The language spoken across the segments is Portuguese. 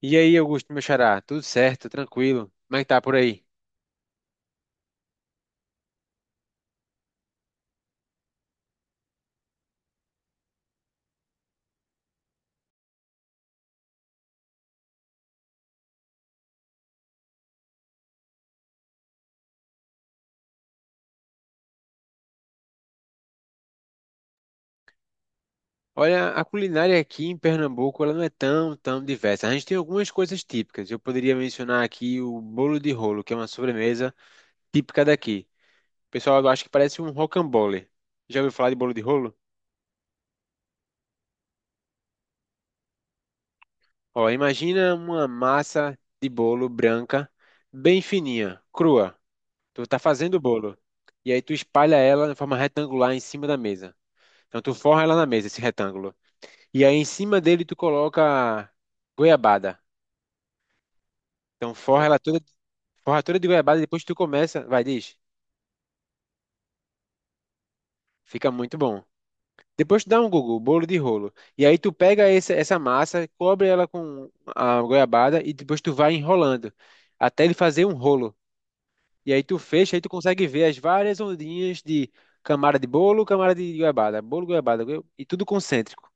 E aí, Augusto, meu xará, tudo certo, tranquilo? Como é que tá por aí? Olha, a culinária aqui em Pernambuco, ela não é tão diversa. A gente tem algumas coisas típicas. Eu poderia mencionar aqui o bolo de rolo, que é uma sobremesa típica daqui. O pessoal, eu acho que parece um rocambole. Já ouviu falar de bolo de rolo? Ó, imagina uma massa de bolo branca, bem fininha, crua. Tu tá fazendo o bolo. E aí tu espalha ela de forma retangular em cima da mesa. Então tu forra ela na mesa, esse retângulo. E aí em cima dele tu coloca goiabada. Então forra ela toda, forra toda de goiabada, depois tu começa, vai, diz, fica muito bom. Depois tu dá um Google, bolo de rolo. E aí tu pega essa massa, cobre ela com a goiabada e depois tu vai enrolando até ele fazer um rolo. E aí tu fecha, aí tu consegue ver as várias ondinhas de camada de bolo, camada de goiabada, bolo, goiabada, e tudo concêntrico.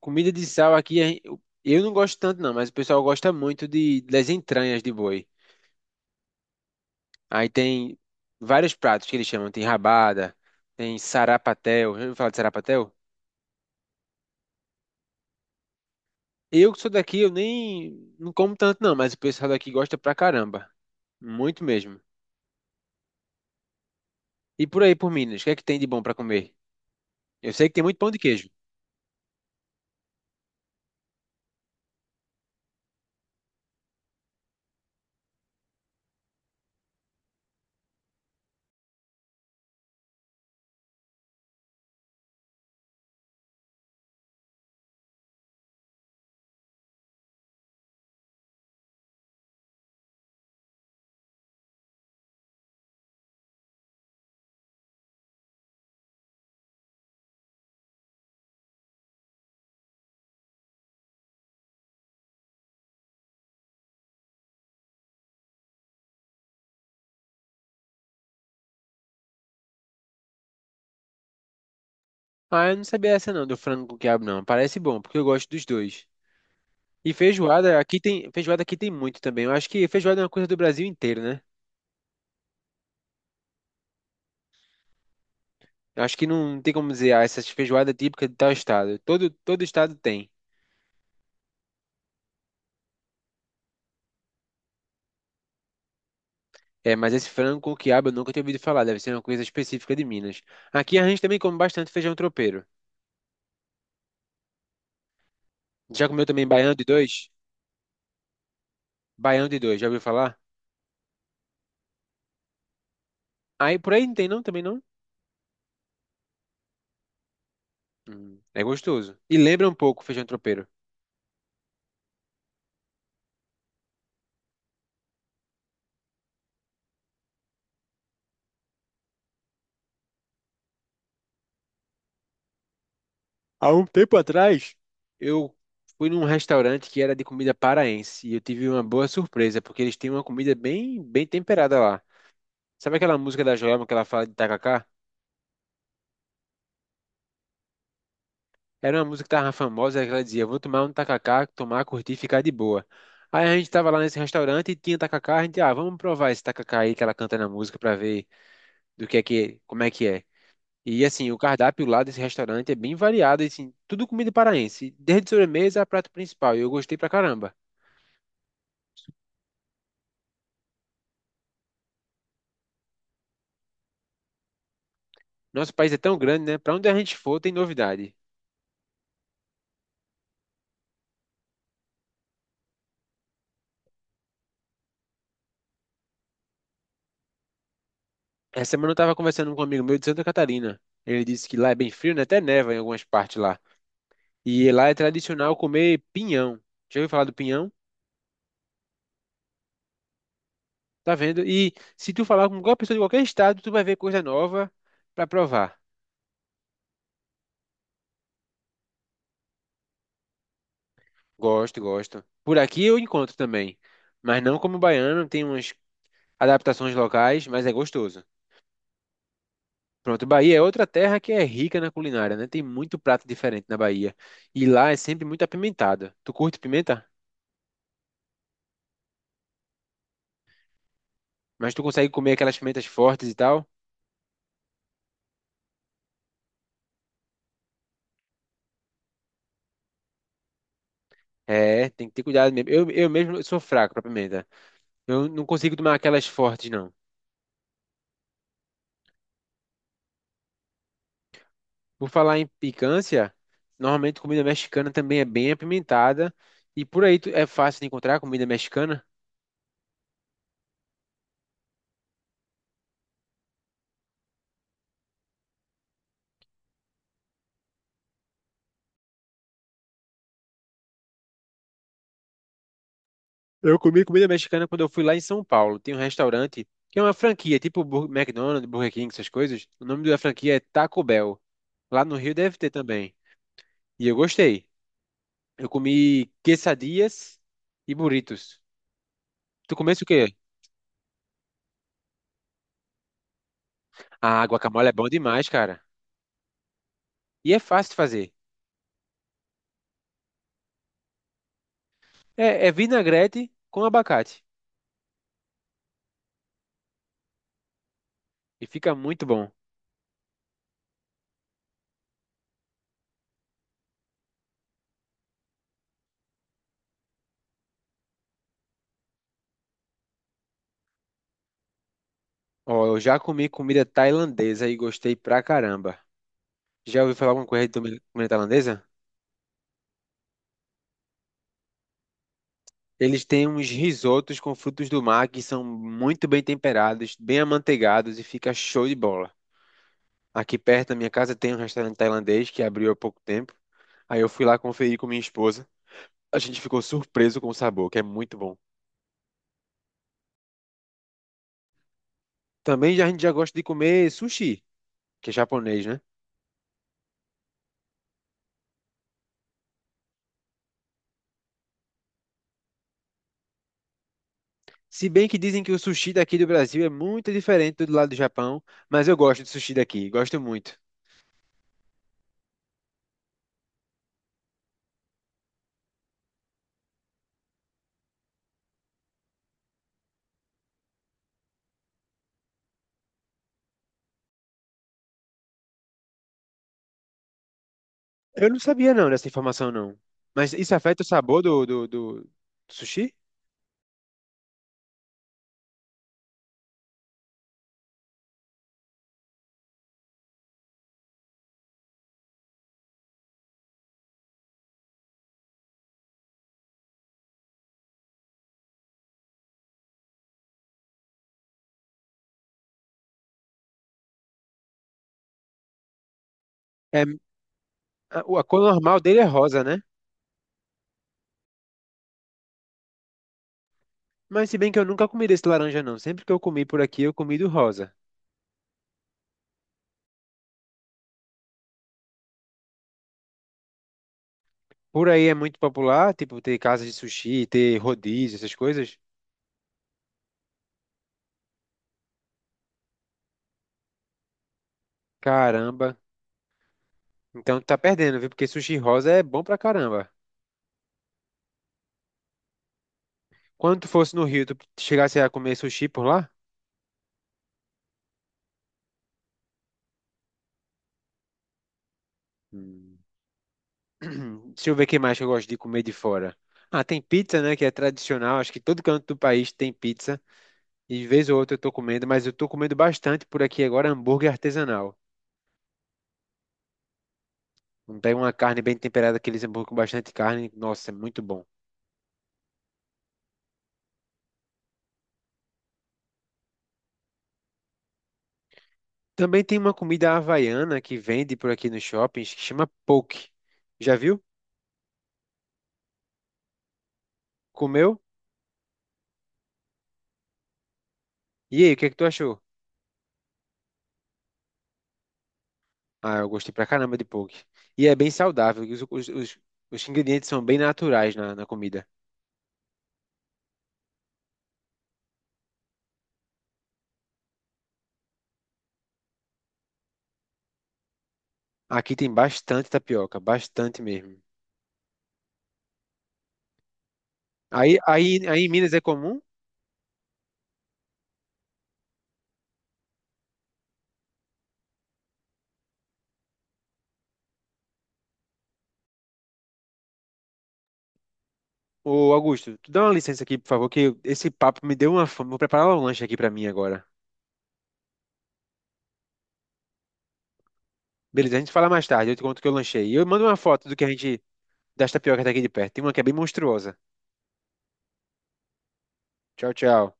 Comida de sal aqui, eu não gosto tanto não, mas o pessoal gosta muito de, das entranhas de boi. Aí tem vários pratos que eles chamam. Tem rabada, tem sarapatel. Já ouviu falar de sarapatel? Eu que sou daqui, eu nem não como tanto não, mas o pessoal daqui gosta pra caramba. Muito mesmo. E por aí, por Minas, o que é que tem de bom pra comer? Eu sei que tem muito pão de queijo. Ah, eu não sabia essa não, do frango com quiabo não. Parece bom, porque eu gosto dos dois. E feijoada aqui tem muito também. Eu acho que feijoada é uma coisa do Brasil inteiro, né? Eu acho que não tem como dizer, ah, essa feijoada é típica de tal estado. Todo estado tem. É, mas esse frango com quiabo eu nunca tinha ouvido falar, deve ser uma coisa específica de Minas. Aqui a gente também come bastante feijão tropeiro. Já comeu também baião de dois? Baião de dois, já ouviu falar? Aí por aí não tem não, também não? É gostoso. E lembra um pouco o feijão tropeiro. Há um tempo atrás, eu fui num restaurante que era de comida paraense e eu tive uma boa surpresa, porque eles têm uma comida bem temperada lá. Sabe aquela música da Joelma que ela fala de tacacá? Era uma música que tava famosa, que ela dizia, vou tomar um tacacá, tomar, curtir, ficar de boa. Aí a gente tava lá nesse restaurante e tinha tacacá, a gente, ah, vamos provar esse tacacá aí que ela canta na música pra ver do que é que, como é que é. E assim, o cardápio lá desse restaurante é bem variado, e, assim, tudo comida paraense, desde sobremesa a prato principal, e eu gostei pra caramba. Nosso país é tão grande, né? Pra onde a gente for tem novidade. Essa semana eu tava conversando com um amigo meu de Santa Catarina. Ele disse que lá é bem frio, né? Até neva em algumas partes lá. E lá é tradicional comer pinhão. Já ouviu falar do pinhão? Tá vendo? E se tu falar com qualquer pessoa de qualquer estado, tu vai ver coisa nova pra provar. Gosto, gosto. Por aqui eu encontro também, mas não como baiano, tem umas adaptações locais, mas é gostoso. Pronto, Bahia é outra terra que é rica na culinária, né? Tem muito prato diferente na Bahia. E lá é sempre muito apimentado. Tu curte pimenta? Mas tu consegue comer aquelas pimentas fortes e tal? É, tem que ter cuidado mesmo. Eu mesmo sou fraco pra pimenta. Eu não consigo tomar aquelas fortes, não. Por falar em picância, normalmente comida mexicana também é bem apimentada. E por aí é fácil de encontrar comida mexicana. Eu comi comida mexicana quando eu fui lá em São Paulo. Tem um restaurante que é uma franquia, tipo McDonald's, Burger King, essas coisas. O nome da franquia é Taco Bell. Lá no Rio deve ter também. E eu gostei. Eu comi quesadillas e burritos. Tu comesse o quê? Ah, guacamole é bom demais, cara. E é fácil de fazer. É, é vinagrete com abacate. E fica muito bom. Ó, eu já comi comida tailandesa e gostei pra caramba. Já ouviu falar alguma coisa de comida tailandesa? Eles têm uns risotos com frutos do mar que são muito bem temperados, bem amanteigados e fica show de bola. Aqui perto da minha casa tem um restaurante tailandês que abriu há pouco tempo. Aí eu fui lá conferir com minha esposa. A gente ficou surpreso com o sabor, que é muito bom. Também já, a gente já gosta de comer sushi, que é japonês, né? Se bem que dizem que o sushi daqui do Brasil é muito diferente do lado do Japão, mas eu gosto de sushi daqui, gosto muito. Eu não sabia não dessa informação não. Mas isso afeta o sabor do sushi? É, a cor normal dele é rosa, né? Mas se bem que eu nunca comi desse laranja não. Sempre que eu comi por aqui, eu comi do rosa. Por aí é muito popular, tipo, ter casas de sushi, ter rodízio, essas coisas. Caramba. Então tu tá perdendo, viu? Porque sushi rosa é bom pra caramba. Quando tu fosse no Rio, tu chegasse a comer sushi por lá? Hum. Deixa eu ver o que mais que eu gosto de comer de fora. Ah, tem pizza, né? Que é tradicional. Acho que todo canto do país tem pizza. E de vez ou outra eu tô comendo, mas eu tô comendo bastante por aqui agora hambúrguer artesanal. Não pega uma carne bem temperada, aqueles hambúrguer com bastante carne, nossa, é muito bom. Também tem uma comida havaiana que vende por aqui nos shoppings que chama poke. Já viu? Comeu? E aí, o que é que tu achou? Ah, eu gostei pra caramba de poke. E é bem saudável, os ingredientes são bem naturais na comida. Aqui tem bastante tapioca, bastante mesmo. Aí em Minas é comum? Ô, Augusto, tu dá uma licença aqui, por favor, que esse papo me deu uma fome. Vou preparar um lanche aqui pra mim agora. Beleza, a gente fala mais tarde, eu te conto o que eu lanchei. E eu mando uma foto do que a gente, das tapiocas daqui de perto. Tem uma que é bem monstruosa. Tchau, tchau.